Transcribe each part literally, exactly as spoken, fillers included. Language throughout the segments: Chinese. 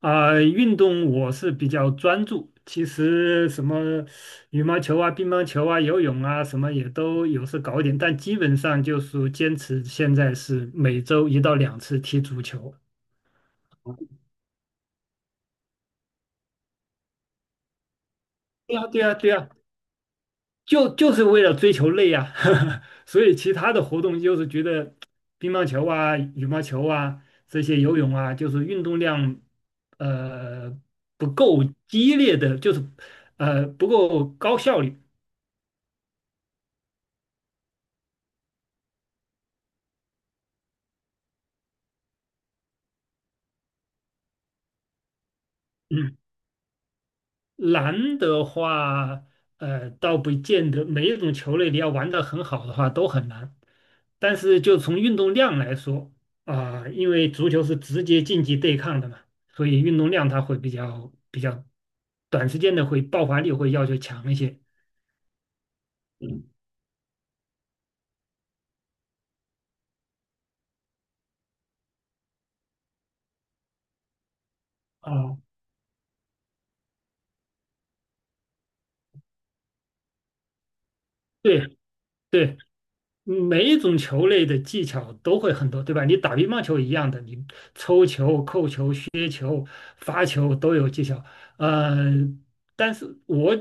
啊、运动我是比较专注，其实什么羽毛球啊、乒乓球啊、游泳啊，什么也都有时搞一点，但基本上就是坚持现在是每周一到两次踢足球。对呀，对呀，对呀，就就是为了追求累呀、所以其他的活动就是觉得乒乓球啊、羽毛球啊这些游泳啊，就是运动量呃不够激烈的，就是呃不够高效率。嗯，难的话，呃，倒不见得每一种球类你要玩得很好的话都很难，但是就从运动量来说啊，因为足球是直接竞技对抗的嘛，所以运动量它会比较比较短时间的会爆发力会要求强一些。啊，对对，每一种球类的技巧都会很多，对吧？你打乒乓球一样的，你抽球、扣球、发球都有技巧。呃，但是我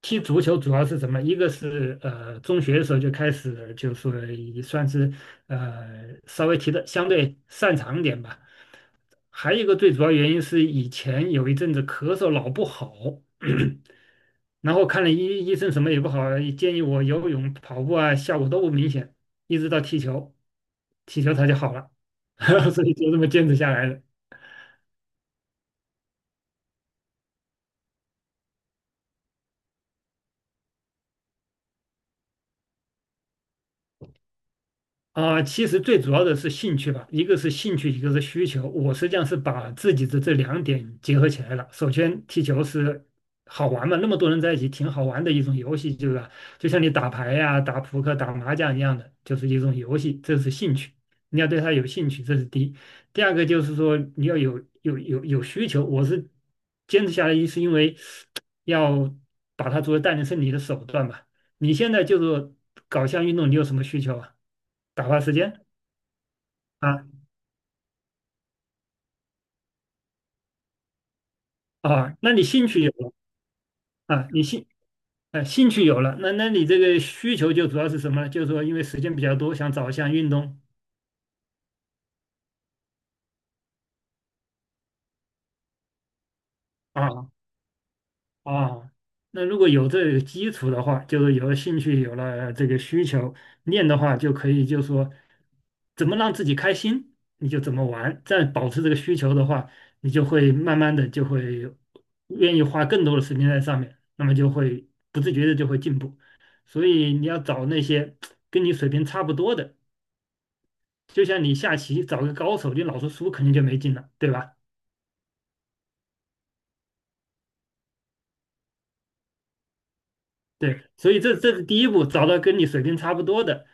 踢足球主要是什么？一个是呃，中学的时候就开始，就是也算是呃稍微踢的相对擅长一点吧。还有一个最主要原因是以前有一阵子咳嗽老不好，然后看了医医生什么也不好，建议我游泳、跑步啊，效果都不明显，一直到踢球，踢球它就好了，所以就这么坚持下来了。啊，其实最主要的是兴趣吧，一个是兴趣，一个是需求。我实际上是把自己的这两点结合起来了。首先，踢球是好玩嘛，那么多人在一起，挺好玩的一种游戏，对吧？就像你打牌呀、打扑克、打麻将一样的，就是一种游戏，这是兴趣。你要对它有兴趣，这是第一。第二个就是说，你要有有有有需求。我是坚持下来，一是因为 要把它作为锻炼身体的手段吧。你现在就是搞项运动，你有什么需求啊？打发时间啊。啊，那你兴趣有了。啊，你兴呃兴趣有了，那那你这个需求就主要是什么呢？就是说因为时间比较多，想找一项运动啊。啊，那如果有这个基础的话，就是有了兴趣，有了这个需求，练的话就可以，就说怎么让自己开心，你就怎么玩。再保持这个需求的话，你就会慢慢的就会愿意花更多的时间在上面，那么就会不自觉的就会进步。所以你要找那些跟你水平差不多的，就像你下棋找个高手，你老是输肯定就没劲了，对吧？对，所以这这是第一步，找到跟你水平差不多的，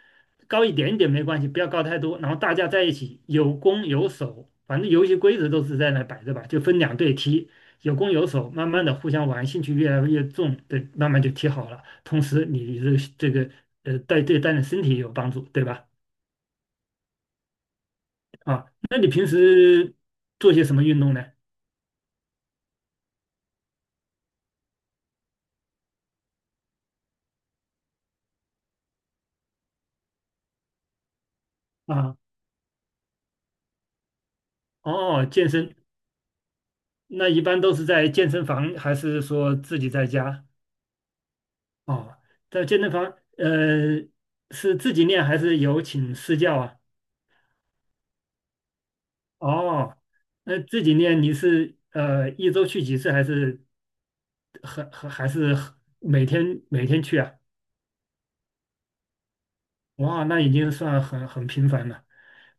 高一点点没关系，不要高太多。然后大家在一起有攻有守，反正游戏规则都是在那摆着吧，就分两队踢，有攻有守，慢慢的互相玩，兴趣越来越重，对，慢慢就踢好了。同时你这这个呃带对锻炼身体也有帮助，对吧？啊，那你平时做些什么运动呢？啊，哦，健身，那一般都是在健身房，还是说自己在家？哦，在健身房，呃，是自己练还是有请私教啊？哦，那自己练你是呃一周去几次，还是很还还是很每天每天去啊？哇，那已经算很很频繁了。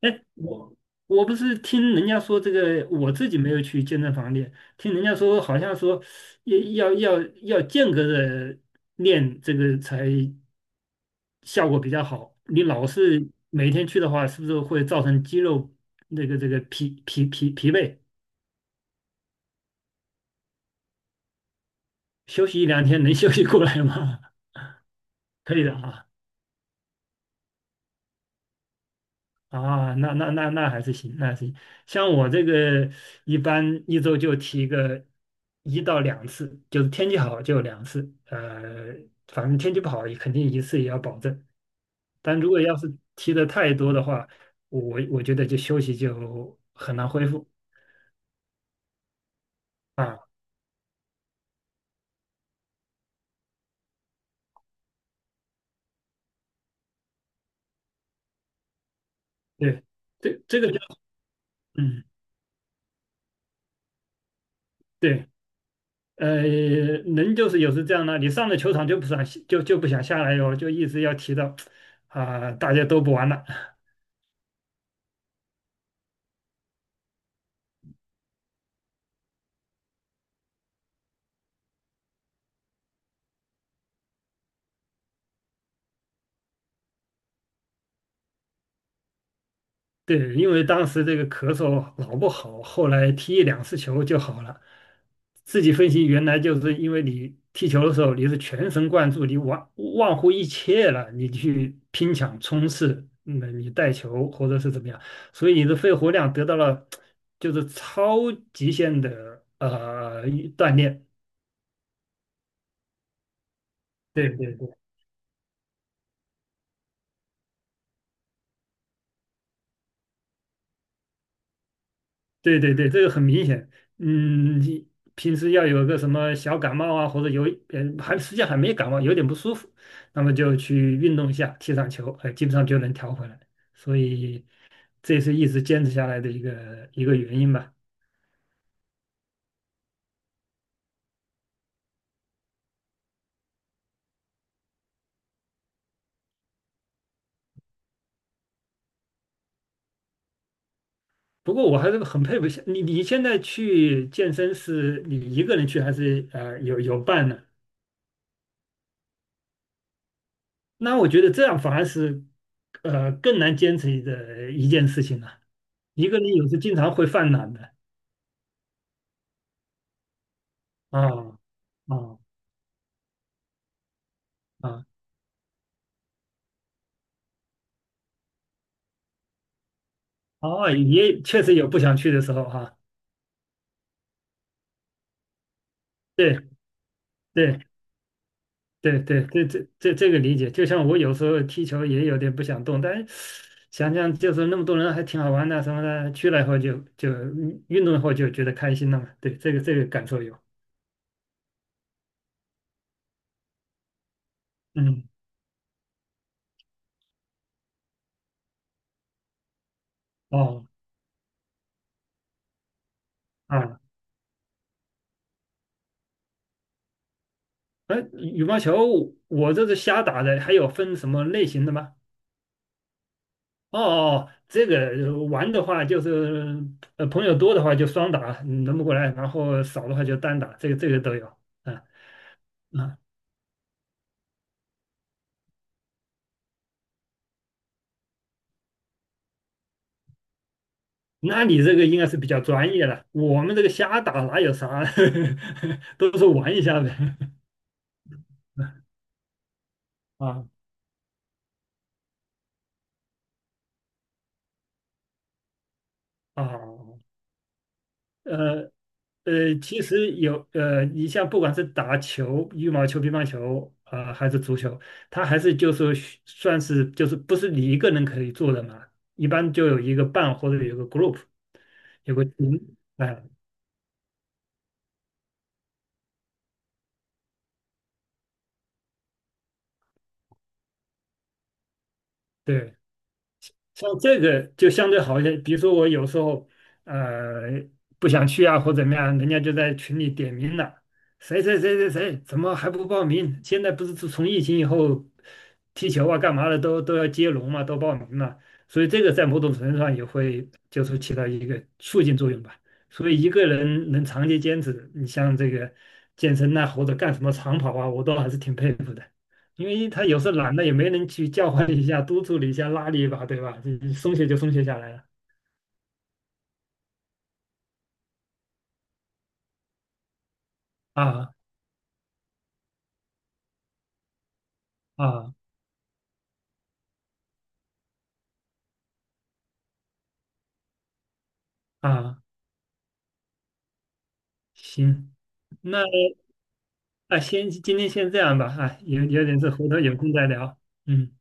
哎，我我不是听人家说这个，我自己没有去健身房练，听人家说好像说要要要要间隔着练这个才效果比较好。你老是每天去的话，是不是会造成肌肉那个这个疲疲疲疲惫？休息一两天能 休息过来吗？可以的啊。啊，那那那那还是行，那还是行。像我这个一般一周就提个一到两次，就是天气好就两次，呃，反正天气不好也肯定一次也要保证。但如果要是提的太多的话，我我觉得就休息就很难恢复啊。对，这这个就嗯。对，呃，人就是有时这样的，你上了球场就不想就就不想下来哟，就一直要提到啊、大家都不玩了。对，因为当时这个咳嗽老不好，后来踢一两次球就好了。自己分析，原来就是因为你踢球的时候你是全神贯注，你忘忘乎一切了，你去拼抢冲刺，那、你带球或者是怎么样，所以你的肺活量得到了就是超极限的呃锻炼。对对对对对，这个很明显。嗯，你平时要有个什么小感冒啊，或者有呃还实际上还没感冒，有点不舒服，那么就去运动一下，踢场球，哎、基本上就能调回来。所以这也是一直坚持下来的一个一个原因吧。不过我还是很佩服你，你现在去健身是你一个人去还是呃有有伴呢？那我觉得这样反而是呃更难坚持的一件事情了、一个人有时经常会犯懒的啊。啊。啊，哦，也确实有不想去的时候哈、对对对，对这这这这个理解。就像我有时候踢球也有点不想动，但是想想就是那么多人还挺好玩的什么的，去了以后就就运运动以后就觉得开心了嘛。对，这个这个感受有。嗯，哦，啊，哎，羽毛球我这是瞎打的，还有分什么类型的吗？哦哦，哦这个玩的话就是呃朋友多的话就双打嗯轮不过来，然后少的话就单打，这个这个都有。啊。啊，那你这个应该是比较专业了，我们这个瞎打哪有啥，都是玩一下呗。啊。啊，呃呃，其实有呃，你像不管是打球、羽毛球、乒乓球啊、还是足球，它还是就是需算是就是不是你一个人可以做的嘛，一般就有一个伴或者有一个 group。有个群，哎，对，像这个就相对好一些。比如说我有时候呃不想去啊，或怎么样，人家就在群里点名了，谁谁谁谁谁怎么还不报名？现在不是自从疫情以后，踢球啊干嘛的都都要接龙嘛，都报名嘛，所以这个在某种程度上也会就是起到一个促进作用吧。所以一个人能长期坚持，你像这个健身呐、或者干什么长跑啊，我都还是挺佩服的。因为他有时候懒了，也没人去叫唤一下、督促你一下、拉你一把，对吧？就松懈就松懈下来了。啊啊啊！行，那啊，先今天先这样吧，啊，有有点事，回头有空再聊。嗯。